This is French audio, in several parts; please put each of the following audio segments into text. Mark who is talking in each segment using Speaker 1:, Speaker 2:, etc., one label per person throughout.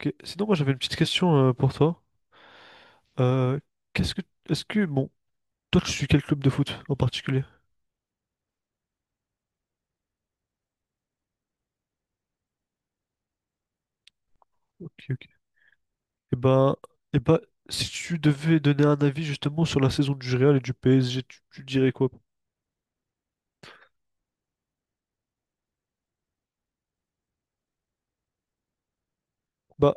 Speaker 1: Ok. Sinon, moi j'avais une petite question pour toi. Euh, qu'est-ce que, est-ce que, Bon, toi tu suis quel club de foot en particulier? Ok, ok. Et ben, et ben, si tu devais donner un avis justement sur la saison du Real et du PSG, tu dirais quoi? Bah,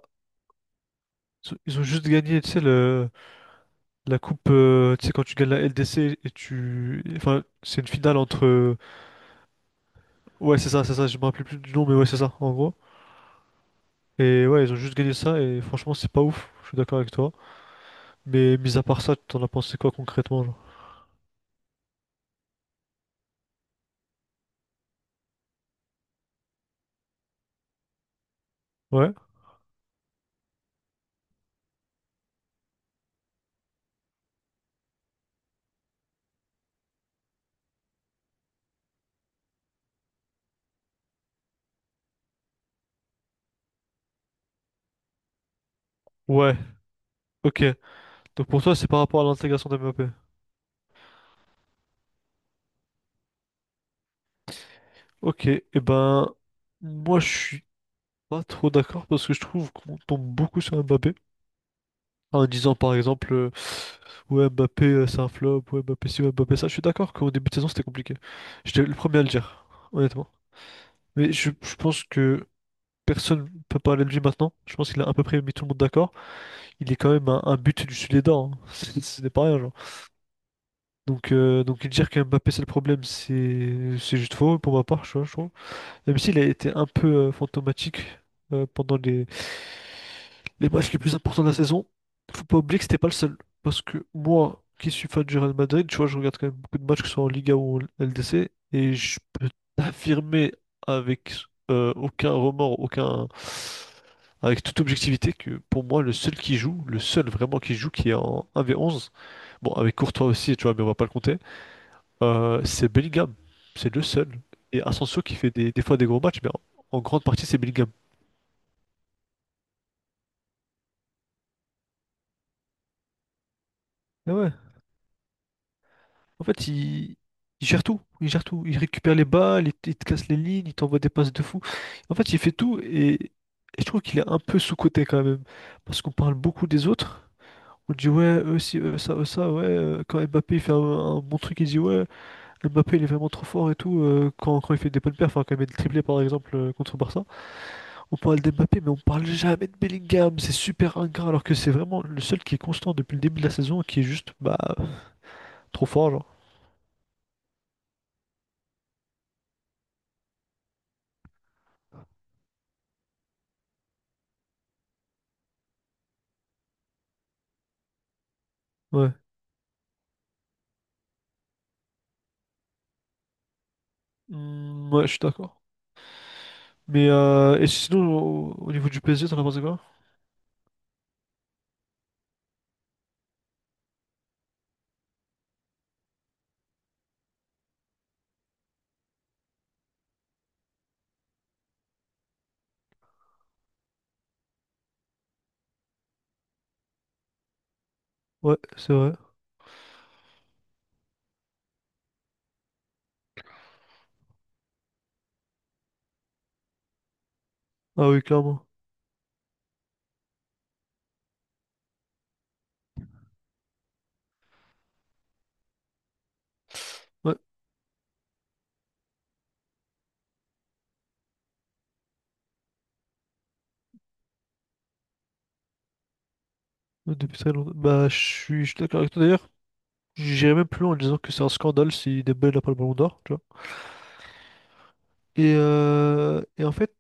Speaker 1: ils ont juste gagné, tu sais, la coupe, tu sais, quand tu gagnes la LDC et tu, enfin, c'est une finale entre, ouais, c'est ça, je me rappelle plus du nom, mais ouais, c'est ça, en gros. Et ouais, ils ont juste gagné ça et franchement, c'est pas ouf. Je suis d'accord avec toi. Mais mis à part ça, t'en as pensé quoi concrètement, genre? Ouais. Ouais, ok. Donc pour toi, c'est par rapport à l'intégration des MAP. Ok, et ben, moi je suis pas trop d'accord parce que je trouve qu'on tombe beaucoup sur Mbappé en disant par exemple, ouais, Mbappé c'est un flop, ouais, Mbappé ci, ouais, Mbappé ça. Je suis d'accord qu'au début de saison c'était compliqué. J'étais le premier à le dire, honnêtement. Mais je pense que personne peut parler de lui maintenant. Je pense qu'il a à peu près mis tout le monde d'accord. Il est quand même un but du Sud-Lédard, hein. Ce n'est pas rien, genre. Donc dire que Mbappé c'est le problème, c'est juste faux pour ma part, je trouve. Même s'il a été un peu fantomatique pendant les matchs les plus importants de la saison, faut pas oublier que c'était pas le seul. Parce que moi, qui suis fan du Real Madrid, tu vois, je regarde quand même beaucoup de matchs, que ce soit en Liga ou en LDC, et je peux t'affirmer avec aucun remords, aucun... avec toute objectivité, que pour moi, le seul qui joue, le seul vraiment qui joue, qui est en 1v11, bon, avec Courtois aussi, tu vois, mais on va pas le compter, c'est Bellingham, c'est le seul. Et Asensio qui fait des fois des gros matchs, mais en grande partie c'est Bellingham. Ah ouais. En fait, il gère tout, il gère tout. Il récupère les balles, il te casse les lignes, il t'envoie des passes de fou. En fait, il fait tout et je trouve qu'il est un peu sous-coté quand même. Parce qu'on parle beaucoup des autres. On dit ouais, eux si, eux ça, ouais. Quand Mbappé il fait un bon truc, il dit ouais, Mbappé il est vraiment trop fort et tout. Quand il fait des bonnes perfs, hein, quand il met des triplés par exemple contre Barça. On parle d'Mbappé, mais on parle jamais de Bellingham. C'est super ingrat, alors que c'est vraiment le seul qui est constant depuis le début de la saison, et qui est juste bah trop fort, genre. Ouais. Hmm, ouais, je suis d'accord. Mais et sinon, au niveau du PSG, t'en as pensé quoi? Ouais, c'est vrai. Ah oui, clairement. Ouais, ouais, depuis très longtemps. Bah, je suis d'accord avec toi d'ailleurs. J'irais même plus loin en disant que c'est un scandale si Dembélé n'a pas le ballon d'or, tu vois. Et en fait,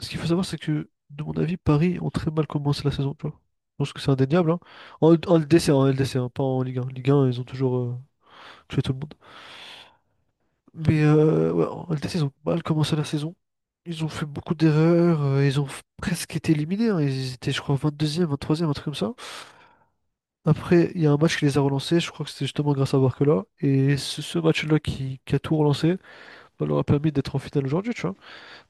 Speaker 1: ce qu'il faut savoir, c'est que, de mon avis, Paris ont très mal commencé la saison, tu vois. Je pense que c'est indéniable, hein. En LDC, en LDC, hein, pas en Ligue 1. Ligue 1, ils ont toujours tué tout le monde. Mais ouais, en LDC, ils ont mal commencé la saison. Ils ont fait beaucoup d'erreurs. Ils ont presque été éliminés, hein. Ils étaient, je crois, 22e, 23e, un truc comme ça. Après, il y a un match qui les a relancés. Je crois que c'était justement grâce à Barcola. Et ce match-là qui a tout relancé, bah, leur a permis d'être en finale aujourd'hui, tu vois.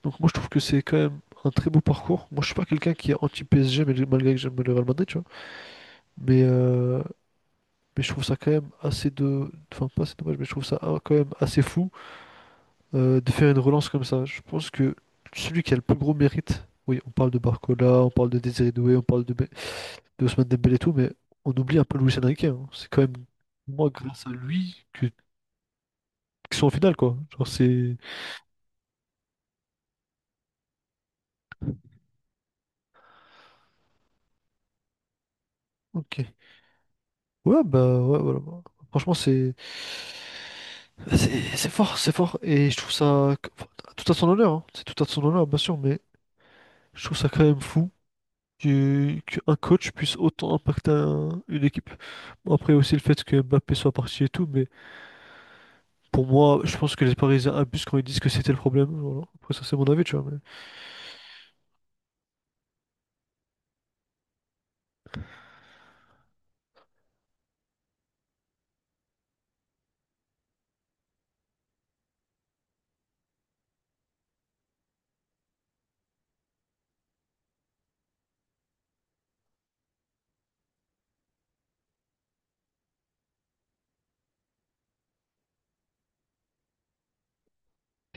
Speaker 1: Donc moi je trouve que c'est quand même un très beau parcours. Moi je suis pas quelqu'un qui est anti-PSG mais malgré que j'aime le Real Madrid, tu vois. Mais, euh, mais je trouve ça quand même assez de... Enfin pas assez dommage mais je trouve ça ah, quand même assez fou de faire une relance comme ça. Je pense que celui qui a le plus gros mérite, oui on parle de Barcola, on parle de Désiré Doué, on parle de Ousmane Dembélé et tout, mais on oublie un peu Luis Enrique, hein. C'est quand même moi grâce à lui que... qu'ils sont en finale quoi. Genre c'est... Ok. Ouais, bah ouais, voilà. Franchement, c'est fort, c'est fort. Et je trouve ça enfin, tout à son honneur, hein. C'est tout à son honneur, bien sûr, mais je trouve ça quand même fou que qu'un coach puisse autant impacter une équipe. Bon, après aussi le fait que Mbappé soit parti et tout, mais pour moi, je pense que les Parisiens abusent quand ils disent que c'était le problème. Voilà. Après ça, c'est mon avis, tu vois. Mais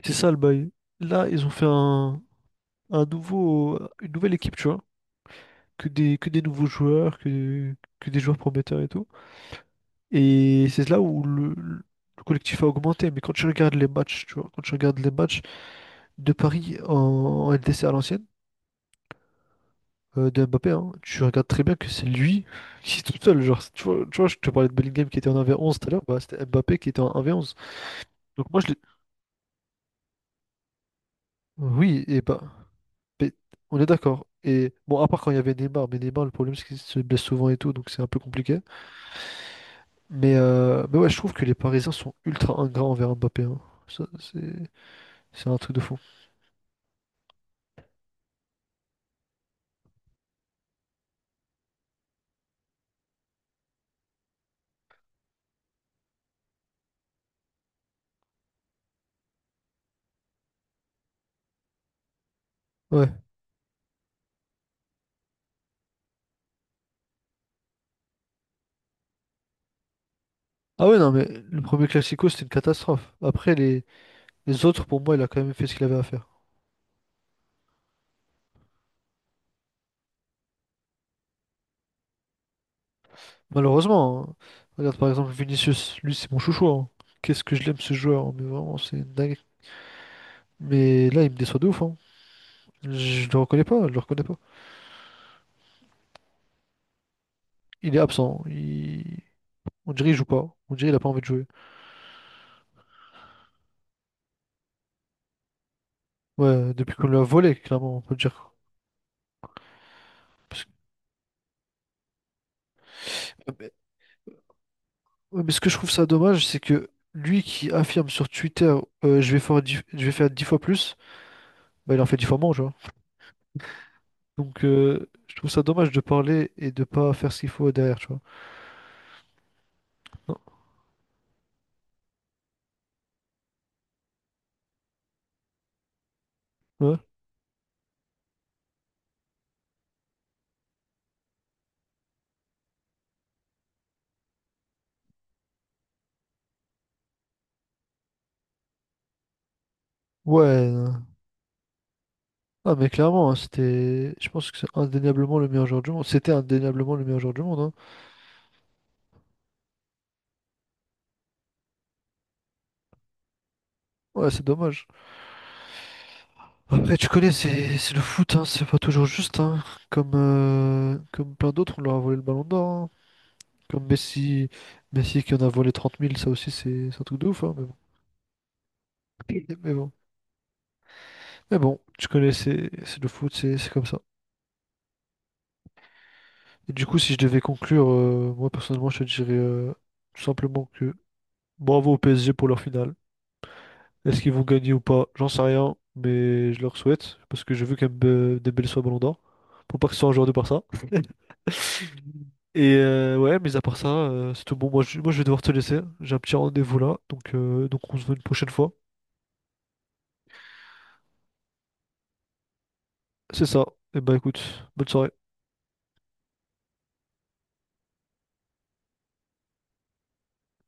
Speaker 1: c'est ça le bail. Là, ils ont fait une nouvelle équipe, tu vois. Que des nouveaux joueurs, que des joueurs prometteurs et tout. Et c'est là où le collectif a augmenté. Mais quand tu regardes les matchs, tu vois, quand tu regardes les matchs de Paris en LDC à l'ancienne, de Mbappé, hein, tu regardes très bien que c'est lui qui est tout seul. Genre, tu vois, je te parlais de Bellingham qui était en 1v11 tout à l'heure, bah, c'était Mbappé qui était en 1v11. Donc moi, oui, et bah, mais on est d'accord. Et bon, à part quand il y avait Neymar, mais Neymar, le problème, c'est qu'il se blesse souvent et tout, donc c'est un peu compliqué. Mais ouais, je trouve que les Parisiens sont ultra ingrats envers Mbappé, hein. Ça, c'est un truc de fou. Ouais. Ah ouais, non, mais le premier Classico, c'était une catastrophe. Après, les autres, pour moi, il a quand même fait ce qu'il avait à faire. Malheureusement, hein. Regarde par exemple Vinicius, lui, c'est mon chouchou, hein. Qu'est-ce que je l'aime ce joueur, hein, mais vraiment, c'est une dingue. Mais là, il me déçoit de ouf, hein. Je le reconnais pas, je le reconnais pas. Il est absent. Il... On dirait qu'il joue pas. On dirait qu'il a pas envie de jouer. Ouais, depuis qu'on lui a volé, clairement, on peut le dire. Parce que- Mais, ouais, mais ce que je trouve ça dommage, c'est que lui qui affirme sur Twitter, je vais faire 10... je vais faire 10 fois plus, bah, il en fait 10 fois moins. Donc, je trouve ça dommage de parler et de pas faire ce qu'il faut derrière, tu vois. Non. Ouais. Ouais. Non. Ah, mais clairement, hein, c'était. Je pense que c'est indéniablement le meilleur joueur du monde. C'était indéniablement le meilleur joueur du monde, hein. Ouais, c'est dommage. Après, tu connais, c'est le foot, hein, c'est pas toujours juste, hein. Comme plein d'autres, on leur a volé le ballon d'or, hein. Comme Messi... Messi qui en a volé 30 000. Ça aussi, c'est un truc de ouf, hein. Mais bon. Mais bon. Mais bon, tu connais, c'est le foot, c'est comme ça. Et du coup, si je devais conclure, moi personnellement, je te dirais tout simplement que bravo au PSG pour leur finale. Est-ce qu'ils vont gagner ou pas? J'en sais rien, mais je leur souhaite parce que je veux quand même Dembélé soit Ballon d'Or pour pas que ce soit un joueur de Barça. Et ouais, mais à part ça, c'est tout bon. Moi, je vais devoir te laisser. J'ai un petit rendez-vous là, donc on se voit une prochaine fois. C'est ça. Et bah écoute, bonne soirée.